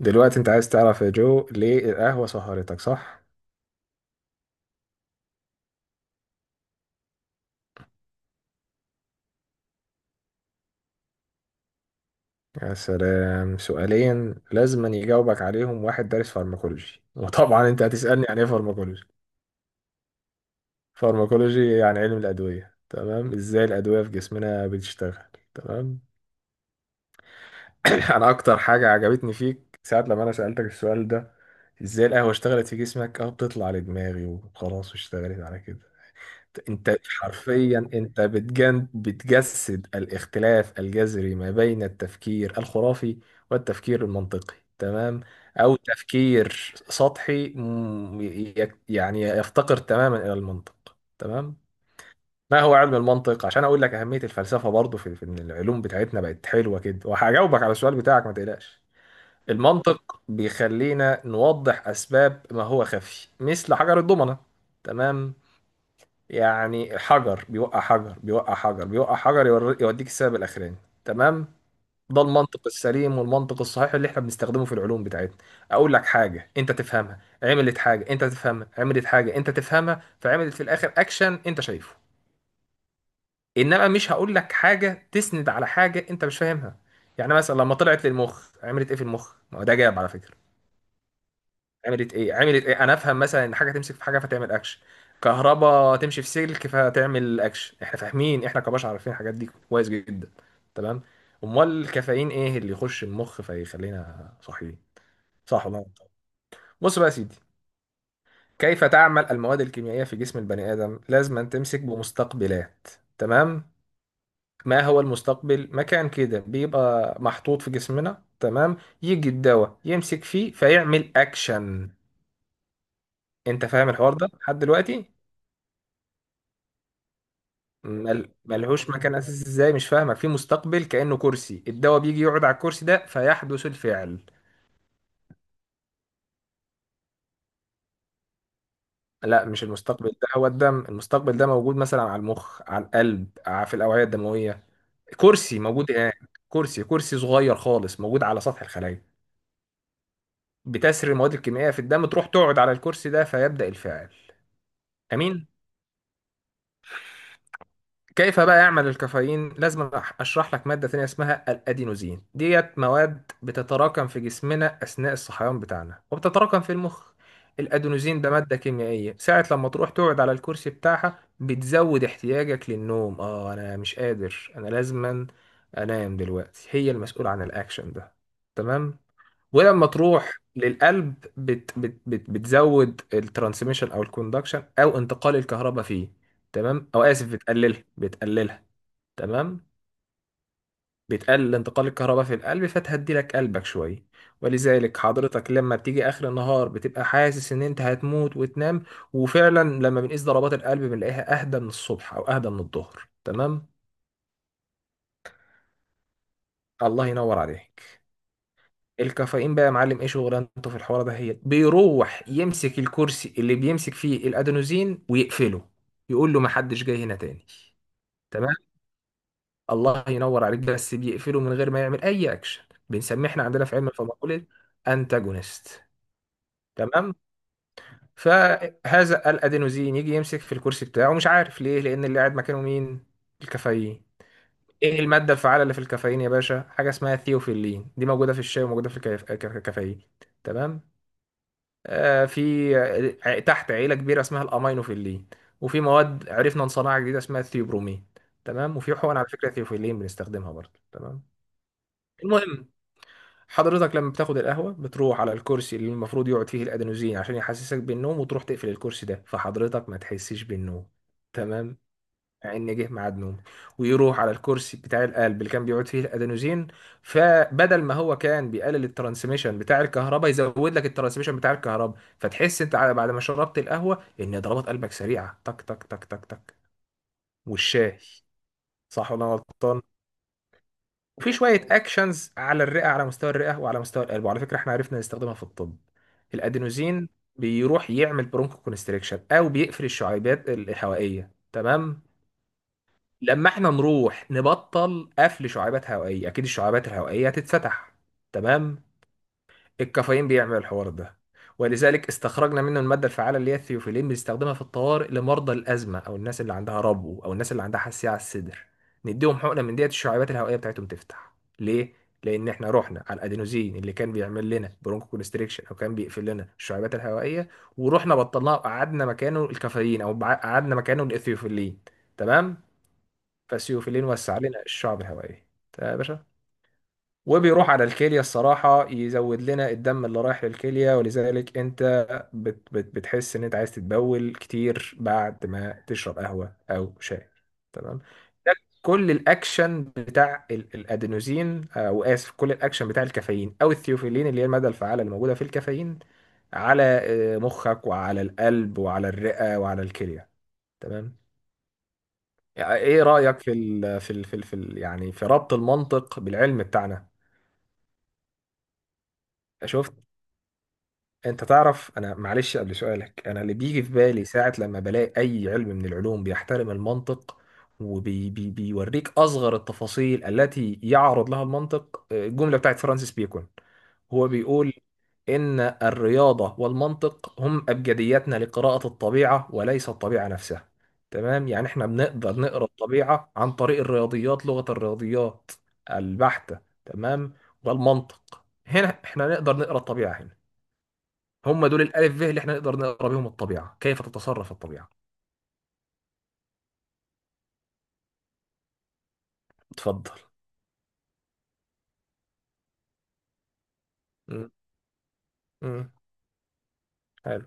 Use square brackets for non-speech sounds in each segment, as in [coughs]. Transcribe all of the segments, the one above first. دلوقتي انت عايز تعرف يا جو ليه القهوة سهرتك صح؟ يا سلام، سؤالين لازم يجاوبك عليهم واحد دارس فارماكولوجي، وطبعا انت هتسألني عن ايه فارماكولوجي. فارماكولوجي يعني علم الأدوية، تمام، ازاي الأدوية في جسمنا بتشتغل، تمام. [clears throat] انا اكتر حاجة عجبتني فيك ساعة لما انا سألتك السؤال ده ازاي القهوة اشتغلت في جسمك. اه، بتطلع لدماغي وخلاص واشتغلت على كده. انت حرفيا بتجن بتجسد الاختلاف الجذري ما بين التفكير الخرافي والتفكير المنطقي، تمام، او تفكير سطحي يعني يفتقر تماما الى المنطق، تمام. ما هو علم المنطق، عشان اقول لك اهمية الفلسفة برضو في ان العلوم بتاعتنا بقت حلوة كده. وهجاوبك على السؤال بتاعك ما تقلقش. المنطق بيخلينا نوضح اسباب ما هو خفي، مثل حجر الضمنة، تمام. يعني حجر بيوقع، حجر بيوقع، حجر بيوقع، حجر يوديك السبب الاخراني، تمام. ده المنطق السليم والمنطق الصحيح اللي احنا بنستخدمه في العلوم بتاعتنا. اقول لك حاجه انت تفهمها، عملت حاجه انت تفهمها، عملت حاجه انت تفهمها، فعملت في الاخر اكشن انت شايفه. انما مش هقول لك حاجه تسند على حاجه انت مش فاهمها. يعني مثلا لما طلعت للمخ عملت ايه في المخ؟ ما هو ده جاب على فكره. عملت ايه؟ عملت ايه؟ انا افهم مثلا ان حاجه تمسك في حاجه فتعمل اكشن، كهرباء تمشي في سلك فتعمل اكشن. احنا فاهمين، احنا كبشر عارفين الحاجات دي كويس جدا، تمام. امال الكافيين ايه اللي يخش المخ فيخلينا صاحيين، صح ولا غلط؟ بص بقى يا سيدي، كيف تعمل المواد الكيميائيه في جسم البني ادم؟ لازم أن تمسك بمستقبلات، تمام. ما هو المستقبل؟ مكان كده بيبقى محطوط في جسمنا، تمام. يجي الدواء يمسك فيه فيعمل اكشن. انت فاهم الحوار ده لحد دلوقتي؟ ملهوش مكان اساسي ازاي؟ مش فاهمك. في مستقبل كأنه كرسي، الدواء بيجي يقعد على الكرسي ده فيحدث الفعل. لا، مش المستقبل ده هو الدم، المستقبل ده موجود مثلا على المخ، على القلب، في الأوعية الدموية. كرسي موجود هناك. كرسي صغير خالص موجود على سطح الخلايا. بتسري المواد الكيميائية في الدم، تروح تقعد على الكرسي ده فيبدأ الفعل. أمين. كيف بقى يعمل الكافيين؟ لازم اشرح لك ماده ثانيه اسمها الادينوزين. ديت مواد بتتراكم في جسمنا اثناء الصحيان بتاعنا وبتتراكم في المخ. الادينوزين ده ماده كيميائيه، ساعه لما تروح تقعد على الكرسي بتاعها بتزود احتياجك للنوم. اه انا مش قادر، انا لازما انام دلوقتي. هي المسؤوله عن الاكشن ده، تمام. ولما تروح للقلب بت بت بت بتزود الترانسميشن او الكوندكشن او انتقال الكهرباء فيه. تمام، او اسف، بتقللها، تمام. بتقلل انتقال الكهرباء في القلب فتهدي لك قلبك شويه. ولذلك حضرتك لما بتيجي اخر النهار بتبقى حاسس ان انت هتموت وتنام. وفعلا لما بنقيس ضربات القلب بنلاقيها اهدى من الصبح او اهدى من الظهر، تمام. الله ينور عليك. الكافيين بقى يا معلم ايه شغلانته في الحوار ده؟ هي بيروح يمسك الكرسي اللي بيمسك فيه الادينوزين ويقفله، يقول له ما حدش جاي هنا تاني، تمام. الله ينور عليك. بس بيقفله من غير ما يعمل اي اكشن. بنسميه احنا عندنا في علم الفارماكولوجي انتاجونست، تمام. فهذا الادينوزين يجي يمسك في الكرسي بتاعه مش عارف ليه، لان اللي قاعد مكانه مين؟ الكافيين. ايه الماده الفعاله اللي في الكافيين يا باشا؟ حاجه اسمها ثيوفيلين، دي موجوده في الشاي وموجوده في الكافيين، تمام. في تحت عيلة كبيرة اسمها الأمينوفيلين. وفي مواد عرفنا نصنعها جديدة اسمها الثيوبرومين، تمام. وفي حقن على فكرة ثيوفيلين بنستخدمها برضه، تمام. المهم، حضرتك لما بتاخد القهوة بتروح على الكرسي اللي المفروض يقعد فيه الأدينوزين عشان يحسسك بالنوم، وتروح تقفل الكرسي ده فحضرتك ما تحسش بالنوم، تمام، ان جه ميعاد نومه. ويروح على الكرسي بتاع القلب اللي كان بيقعد فيه الادينوزين، فبدل ما هو كان بيقلل الترانسميشن بتاع الكهرباء يزود لك الترانسميشن بتاع الكهرباء، فتحس انت بعد ما شربت القهوه ان ضربات قلبك سريعه، تك تك تك تك تك. والشاي. صح ولا أنا غلطان؟ وفي شويه اكشنز على الرئه، على مستوى الرئه وعلى مستوى القلب. وعلى فكره احنا عرفنا نستخدمها في الطب. الادينوزين بيروح يعمل برونكو كونستريكشن او بيقفل الشعيبات الهوائيه، تمام. لما احنا نروح نبطل قفل شعابات هوائية، اكيد الشعابات الهوائية هتتفتح، تمام. الكافيين بيعمل الحوار ده، ولذلك استخرجنا منه المادة الفعالة اللي هي الثيوفيلين، بنستخدمها في الطوارئ لمرضى الأزمة أو الناس اللي عندها ربو أو الناس اللي عندها حساسية على الصدر. نديهم حقنة من ديت الشعابات الهوائية بتاعتهم تفتح. ليه؟ لأن احنا رحنا على الأدينوزين اللي كان بيعمل لنا برونكو كونستريكشن أو كان بيقفل لنا الشعابات الهوائية، ورحنا بطلناه وقعدنا مكانه الكافيين، أو قعدنا مكانه الإثيوفيلين، تمام؟ فسيوفيلين وسع لنا الشعب الهوائية، تمام يا باشا. وبيروح على الكلية، الصراحة، يزود لنا الدم اللي رايح للكلية، ولذلك انت بت بت بتحس ان انت عايز تتبول كتير بعد ما تشرب قهوة او شاي، تمام. ده كل الاكشن بتاع الادينوزين، او اسف، كل الاكشن بتاع الكافيين او الثيوفيلين اللي هي المادة الفعالة اللي موجودة في الكافيين، على مخك وعلى القلب وعلى الرئة وعلى الكلية، تمام. يعني ايه رأيك في ال في ال في ال في ال يعني في ربط المنطق بالعلم بتاعنا؟ شفت؟ انت تعرف انا معلش قبل سؤالك، انا اللي بيجي في بالي ساعة لما بلاقي اي علم من العلوم بيحترم المنطق وبيوريك اصغر التفاصيل التي يعرض لها المنطق، الجملة بتاعت فرانسيس بيكون. هو بيقول ان الرياضة والمنطق هم ابجدياتنا لقراءة الطبيعة وليس الطبيعة نفسها، تمام. يعني احنا بنقدر نقرأ الطبيعة عن طريق الرياضيات، لغة الرياضيات البحتة، تمام. والمنطق هنا احنا نقدر نقرأ الطبيعة هنا. هم دول الالف ب اللي احنا نقدر نقرا بيهم الطبيعه، كيف تتصرف الطبيعه. اتفضل. مم. مم. حلو.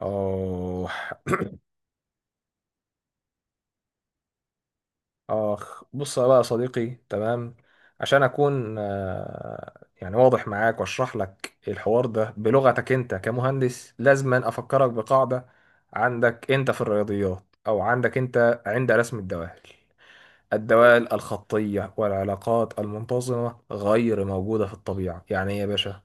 اه. [coughs] [clears throat] اخ، بص بقى يا صديقي، تمام. عشان اكون يعني واضح معاك واشرح لك الحوار ده بلغتك انت كمهندس، لازم افكرك بقاعده عندك انت في الرياضيات او عندك انت عند رسم الدوال. الدوال الخطيه والعلاقات المنتظمه غير موجوده في الطبيعه. يعني ايه يا باشا؟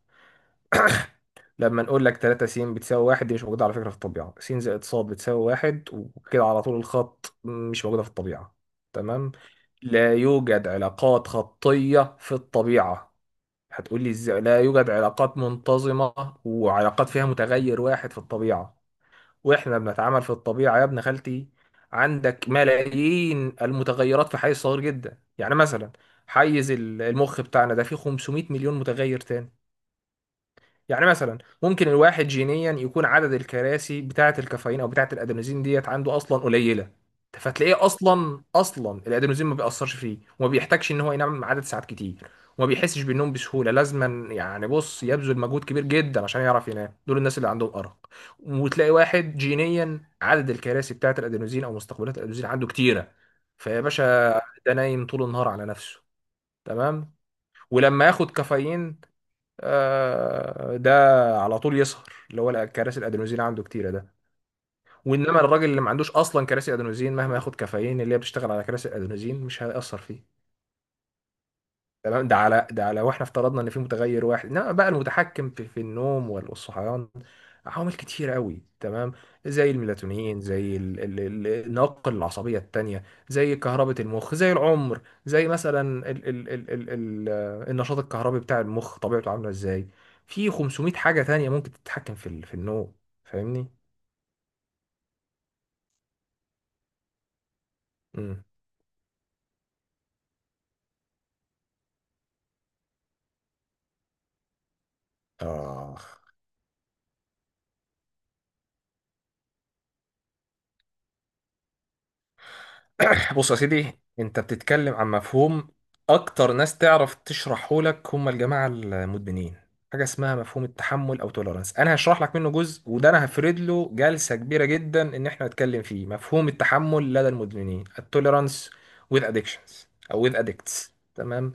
[coughs] لما نقول لك 3 س بتساوي واحد، دي مش موجودة على فكرة في الطبيعة. س زائد ص بتساوي واحد وكده على طول الخط مش موجودة في الطبيعة، تمام. لا يوجد علاقات خطية في الطبيعة. هتقول لي ازاي لا يوجد علاقات منتظمة وعلاقات فيها متغير واحد في الطبيعة؟ واحنا بنتعامل في الطبيعة يا ابن خالتي، عندك ملايين المتغيرات في حيز صغير جدا. يعني مثلا حيز المخ بتاعنا ده فيه 500 مليون متغير تاني. يعني مثلا ممكن الواحد جينيا يكون عدد الكراسي بتاعة الكافيين او بتاعة الادينوزين ديت عنده اصلا قليلة، فتلاقيه اصلا الادينوزين ما بيأثرش فيه، وما بيحتاجش ان هو ينام عدد ساعات كتير، وما بيحسش بالنوم بسهولة لازما. يعني بص، يبذل مجهود كبير جدا عشان يعرف ينام. دول الناس اللي عندهم أرق. وتلاقي واحد جينيا عدد الكراسي بتاعة الادينوزين او مستقبلات الادينوزين عنده كتيرة، فيا باشا ده نايم طول النهار على نفسه، تمام. ولما ياخد كافيين، ده على طول يسهر، اللي هو كراسي الادينوزين عنده كتيره ده. وانما الراجل اللي ما عندوش اصلا كراسي ادينوزين، مهما ياخد كافيين اللي هي بتشتغل على كراسي الادينوزين، مش هيأثر فيه، تمام. ده على ده على، واحنا افترضنا ان في متغير واحد. انما بقى المتحكم في النوم والصحيان عوامل كتيرة قوي، تمام. زي الميلاتونين، زي النواقل العصبية التانية، زي كهربة المخ، زي العمر، زي مثلا ال ال ال ال ال النشاط الكهربي بتاع المخ طبيعته عاملة ازاي. في 500 حاجة تانية ممكن تتحكم في في النوم. فاهمني؟ امم آه [clears throat] بص يا سيدي، انت بتتكلم عن مفهوم اكتر ناس تعرف تشرحه لك هم الجماعه المدمنين. حاجه اسمها مفهوم التحمل او توليرانس. انا هشرح لك منه جزء، وده انا هفرد له جلسه كبيره جدا ان احنا نتكلم فيه مفهوم التحمل لدى المدمنين، التوليرانس with addictions او with addicts، تمام.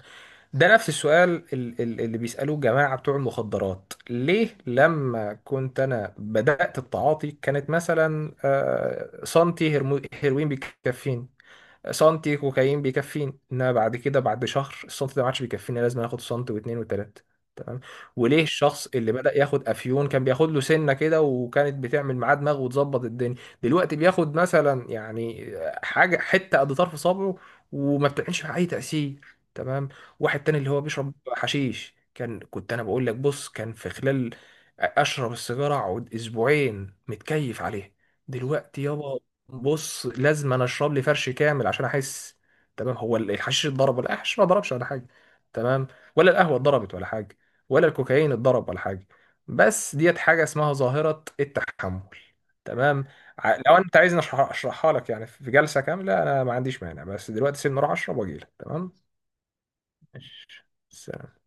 ده نفس السؤال اللي بيسالوه الجماعه بتوع المخدرات: ليه لما كنت انا بدات التعاطي كانت مثلا سنتي هيروين بيكفيني، سنتي كوكايين بيكفيني، انما بعد كده بعد شهر السنت ده ما عادش بيكفيني، لازم اخد سنت واثنين وثلاثه، تمام. وليه الشخص اللي بدأ ياخد افيون كان بياخد له سنه كده وكانت بتعمل معاه دماغ وتظبط الدنيا، دلوقتي بياخد مثلا يعني حاجه حته قد طرف صبعه وما بتعملش معاه اي تأثير، تمام. واحد تاني اللي هو بيشرب حشيش، كان كنت انا بقول لك بص، كان في خلال اشرب السيجاره اقعد اسبوعين متكيف عليها. دلوقتي يابا، بص، لازم انا اشرب لي فرش كامل عشان احس، تمام. هو الحشيش اتضرب ولا الحشيش ما ضربش ولا حاجه؟ تمام. ولا القهوه اتضربت ولا حاجه؟ ولا الكوكايين اتضرب ولا حاجه؟ بس ديت حاجه اسمها ظاهره التحمل، تمام. لو انت عايزني اشرحها لك يعني في جلسه كامله، انا ما عنديش مانع، بس دلوقتي سيبني اروح اشرب واجيلك، تمام. ماشي. سلام.